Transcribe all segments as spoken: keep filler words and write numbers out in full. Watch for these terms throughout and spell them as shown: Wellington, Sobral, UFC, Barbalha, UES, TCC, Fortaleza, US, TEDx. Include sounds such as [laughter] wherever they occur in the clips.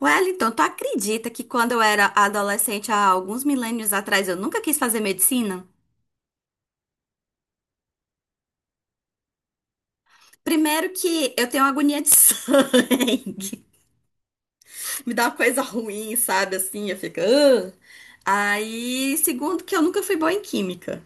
Wellington, tu acredita que quando eu era adolescente, há alguns milênios atrás, eu nunca quis fazer medicina? Primeiro que eu tenho agonia de [laughs] sangue. Me dá uma coisa ruim, sabe? Assim, eu fico. "Ugh". Aí, segundo que eu nunca fui boa em química.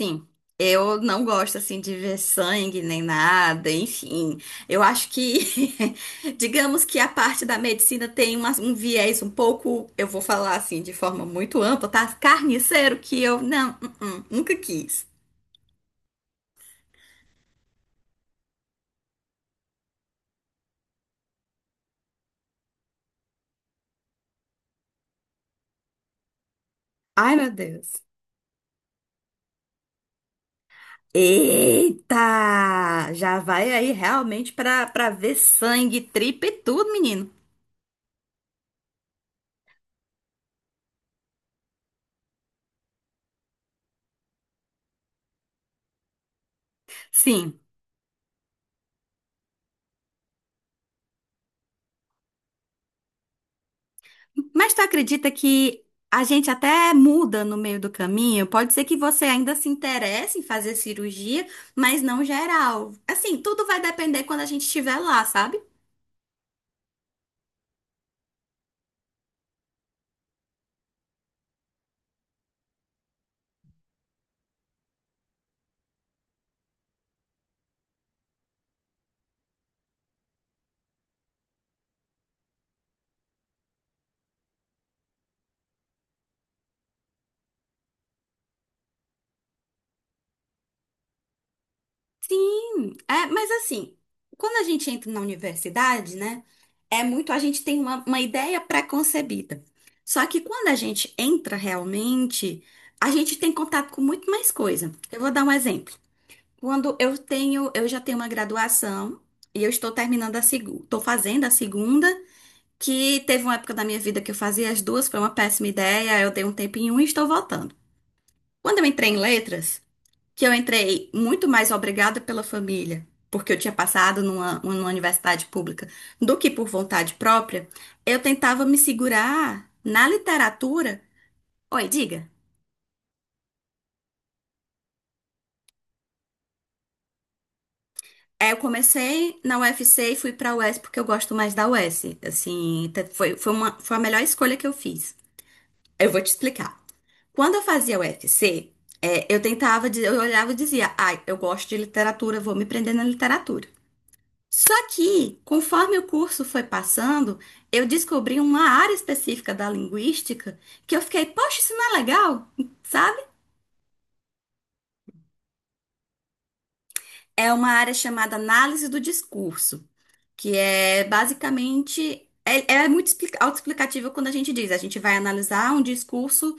Sim, eu não gosto assim de ver sangue nem nada, enfim. Eu acho que, [laughs] digamos que a parte da medicina tem uma- um viés um pouco, eu vou falar assim de forma muito ampla, tá? Carniceiro que eu não, uh-uh, nunca quis. Ai, meu Deus. Eita! Já vai aí realmente pra, pra ver sangue, tripa e tudo, menino. Sim. Mas tu acredita que a gente até muda no meio do caminho? Pode ser que você ainda se interesse em fazer cirurgia, mas não geral. Assim, tudo vai depender quando a gente estiver lá, sabe? Sim, é, mas assim, quando a gente entra na universidade, né, é muito, a gente tem uma, uma ideia pré-concebida. Só que quando a gente entra realmente, a gente tem contato com muito mais coisa. Eu vou dar um exemplo. Quando eu tenho, eu já tenho uma graduação e eu estou terminando a segunda, estou fazendo a segunda, que teve uma época da minha vida que eu fazia as duas, foi uma péssima ideia, eu dei um tempo em um e estou voltando. Quando eu entrei em letras, que eu entrei muito mais obrigada pela família, porque eu tinha passado numa, numa universidade pública, do que por vontade própria, eu tentava me segurar na literatura. Oi, diga. É, eu comecei na U F C e fui pra U S porque eu gosto mais da U S. Assim, te- foi, foi uma, foi a melhor escolha que eu fiz. Eu vou te explicar. Quando eu fazia U F C, é, eu tentava, dizer- eu olhava e dizia, ai, eu gosto de literatura, vou me prender na literatura. Só que, conforme o curso foi passando, eu descobri uma área específica da linguística que eu fiquei, poxa, isso não é legal, sabe? É uma área chamada análise do discurso. que é basicamente é, é muito expli- autoexplicativo quando a gente diz, a gente vai analisar um discurso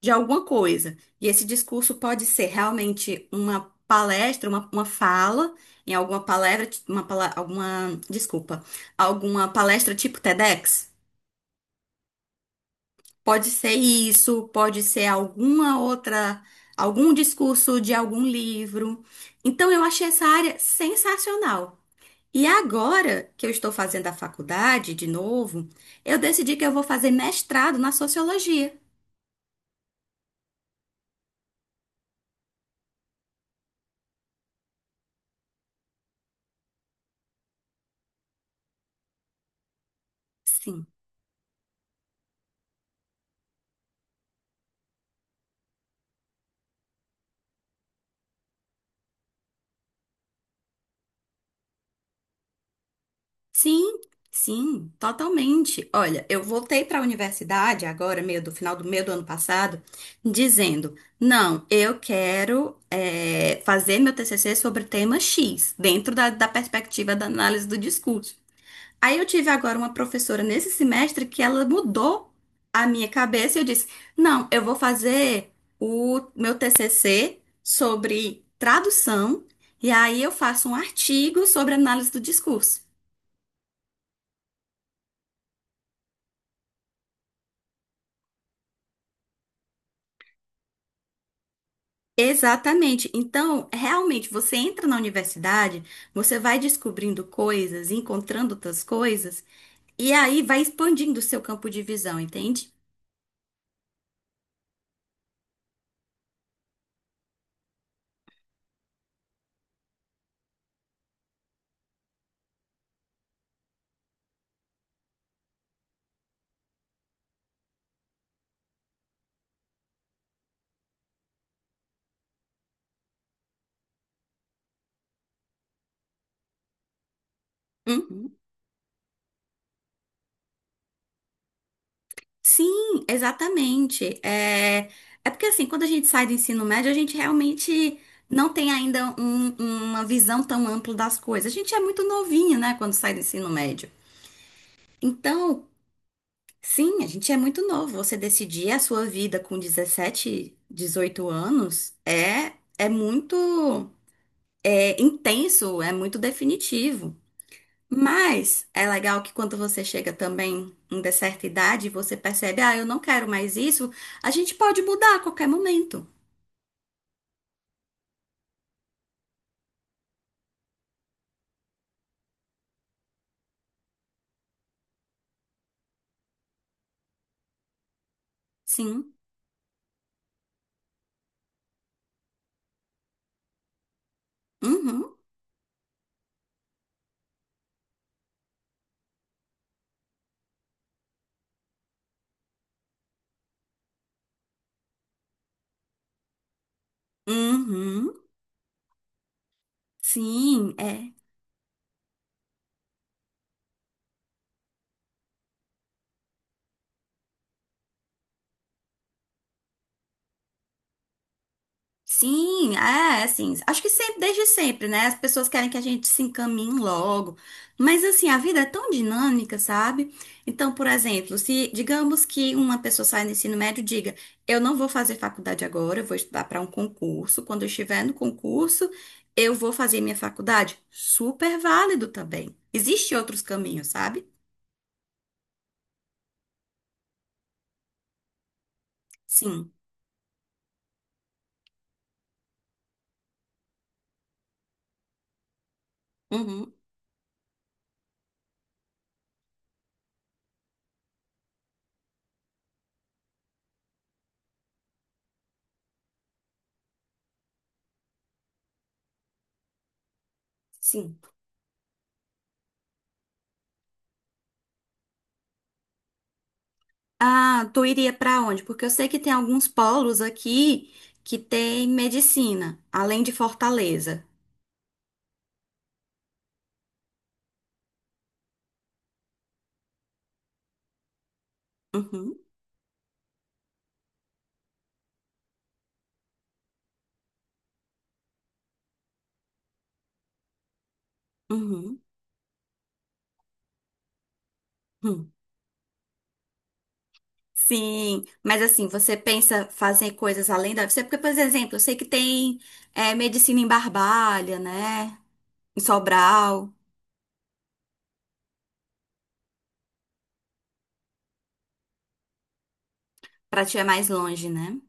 de alguma coisa. E esse discurso pode ser realmente uma palestra, uma, uma fala, em alguma palestra, uma, pala- alguma, desculpa, alguma palestra tipo TEDx. Pode ser isso, pode ser alguma outra, algum discurso de algum livro. Então eu achei essa área sensacional. E agora que eu estou fazendo a faculdade de novo, eu decidi que eu vou fazer mestrado na sociologia. Sim, sim, sim, totalmente. Olha, eu voltei para a universidade agora, meio do final do meio do ano passado, dizendo: não, eu quero eh, fazer meu T C C sobre tema X, dentro da, da perspectiva da análise do discurso. Aí eu tive agora uma professora nesse semestre que ela mudou a minha cabeça e eu disse: "Não, eu vou fazer o meu T C C sobre tradução e aí eu faço um artigo sobre análise do discurso". Exatamente. Então, realmente, você entra na universidade, você vai descobrindo coisas, encontrando outras coisas, e aí vai expandindo o seu campo de visão, entende? Uhum. Sim, exatamente. É, é porque assim, quando a gente sai do ensino médio, a gente realmente não tem ainda um- uma visão tão ampla das coisas. A gente é muito novinho, né, quando sai do ensino médio. Então, sim, a gente é muito novo. Você decidir a sua vida com dezessete dezoito anos é, é, muito é, intenso, é muito definitivo. Mas é legal que quando você chega também em de certa idade, você percebe, ah, eu não quero mais isso, a gente pode mudar a qualquer momento. Sim. Uhum. Uhum. Sim, é. Sim, é, assim, acho que sempre, desde sempre, né? As pessoas querem que a gente se encaminhe logo, mas assim, a vida é tão dinâmica, sabe? Então, por exemplo, se digamos que uma pessoa sai do ensino médio e diga, eu não vou fazer faculdade agora, eu vou estudar para um concurso, quando eu estiver no concurso, eu vou fazer minha faculdade. Super válido também. Existem outros caminhos, sabe? Sim. Uhum. Sim. Ah, tu iria para onde? Porque eu sei que tem alguns polos aqui que tem medicina, além de Fortaleza. Uhum, uhum, uhum. Sim, mas assim, você pensa fazer coisas além da... Você, porque, por exemplo, eu sei que tem é, medicina em Barbalha, né? Em Sobral, para ti é mais longe, né?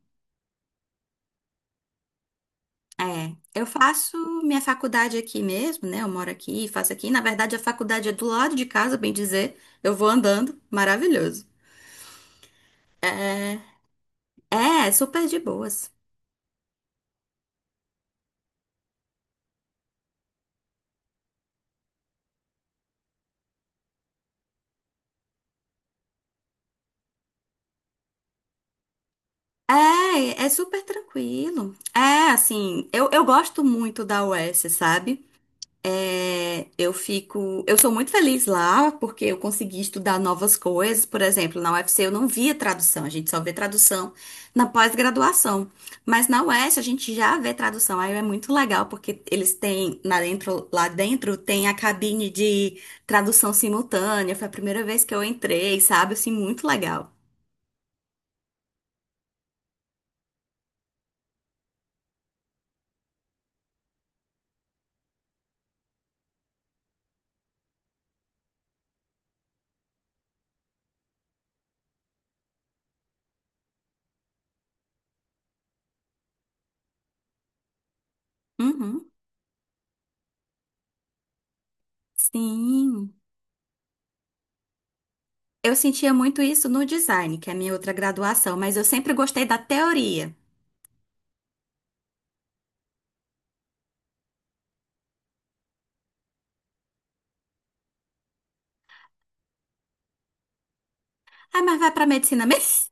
É, eu faço minha faculdade aqui mesmo, né? Eu moro aqui, faço aqui. Na verdade, a faculdade é do lado de casa, bem dizer. Eu vou andando, maravilhoso. É, É, super de boas. É, é super tranquilo. É, assim, eu, eu gosto muito da U E S, sabe? É, eu fico, eu sou muito feliz lá porque eu consegui estudar novas coisas. Por exemplo, na U F C eu não via tradução, a gente só vê tradução na pós-graduação. Mas na U E S a gente já vê tradução, aí é muito legal porque eles têm lá dentro, lá dentro tem a cabine de tradução simultânea. Foi a primeira vez que eu entrei, sabe? Assim, muito legal. Uhum. Sim. Eu sentia muito isso no design, que é a minha outra graduação, mas eu sempre gostei da teoria. Ah, mas vai para medicina mesmo?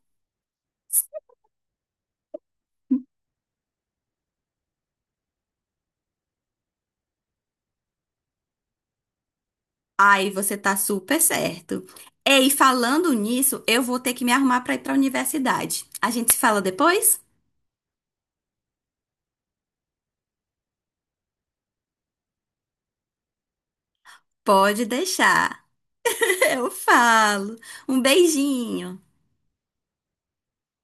[laughs] Ai, você tá super certo. Ei, falando nisso, eu vou ter que me arrumar para ir para a universidade. A gente se fala depois? Pode deixar. [laughs] Eu falo. Um beijinho.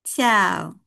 Tchau.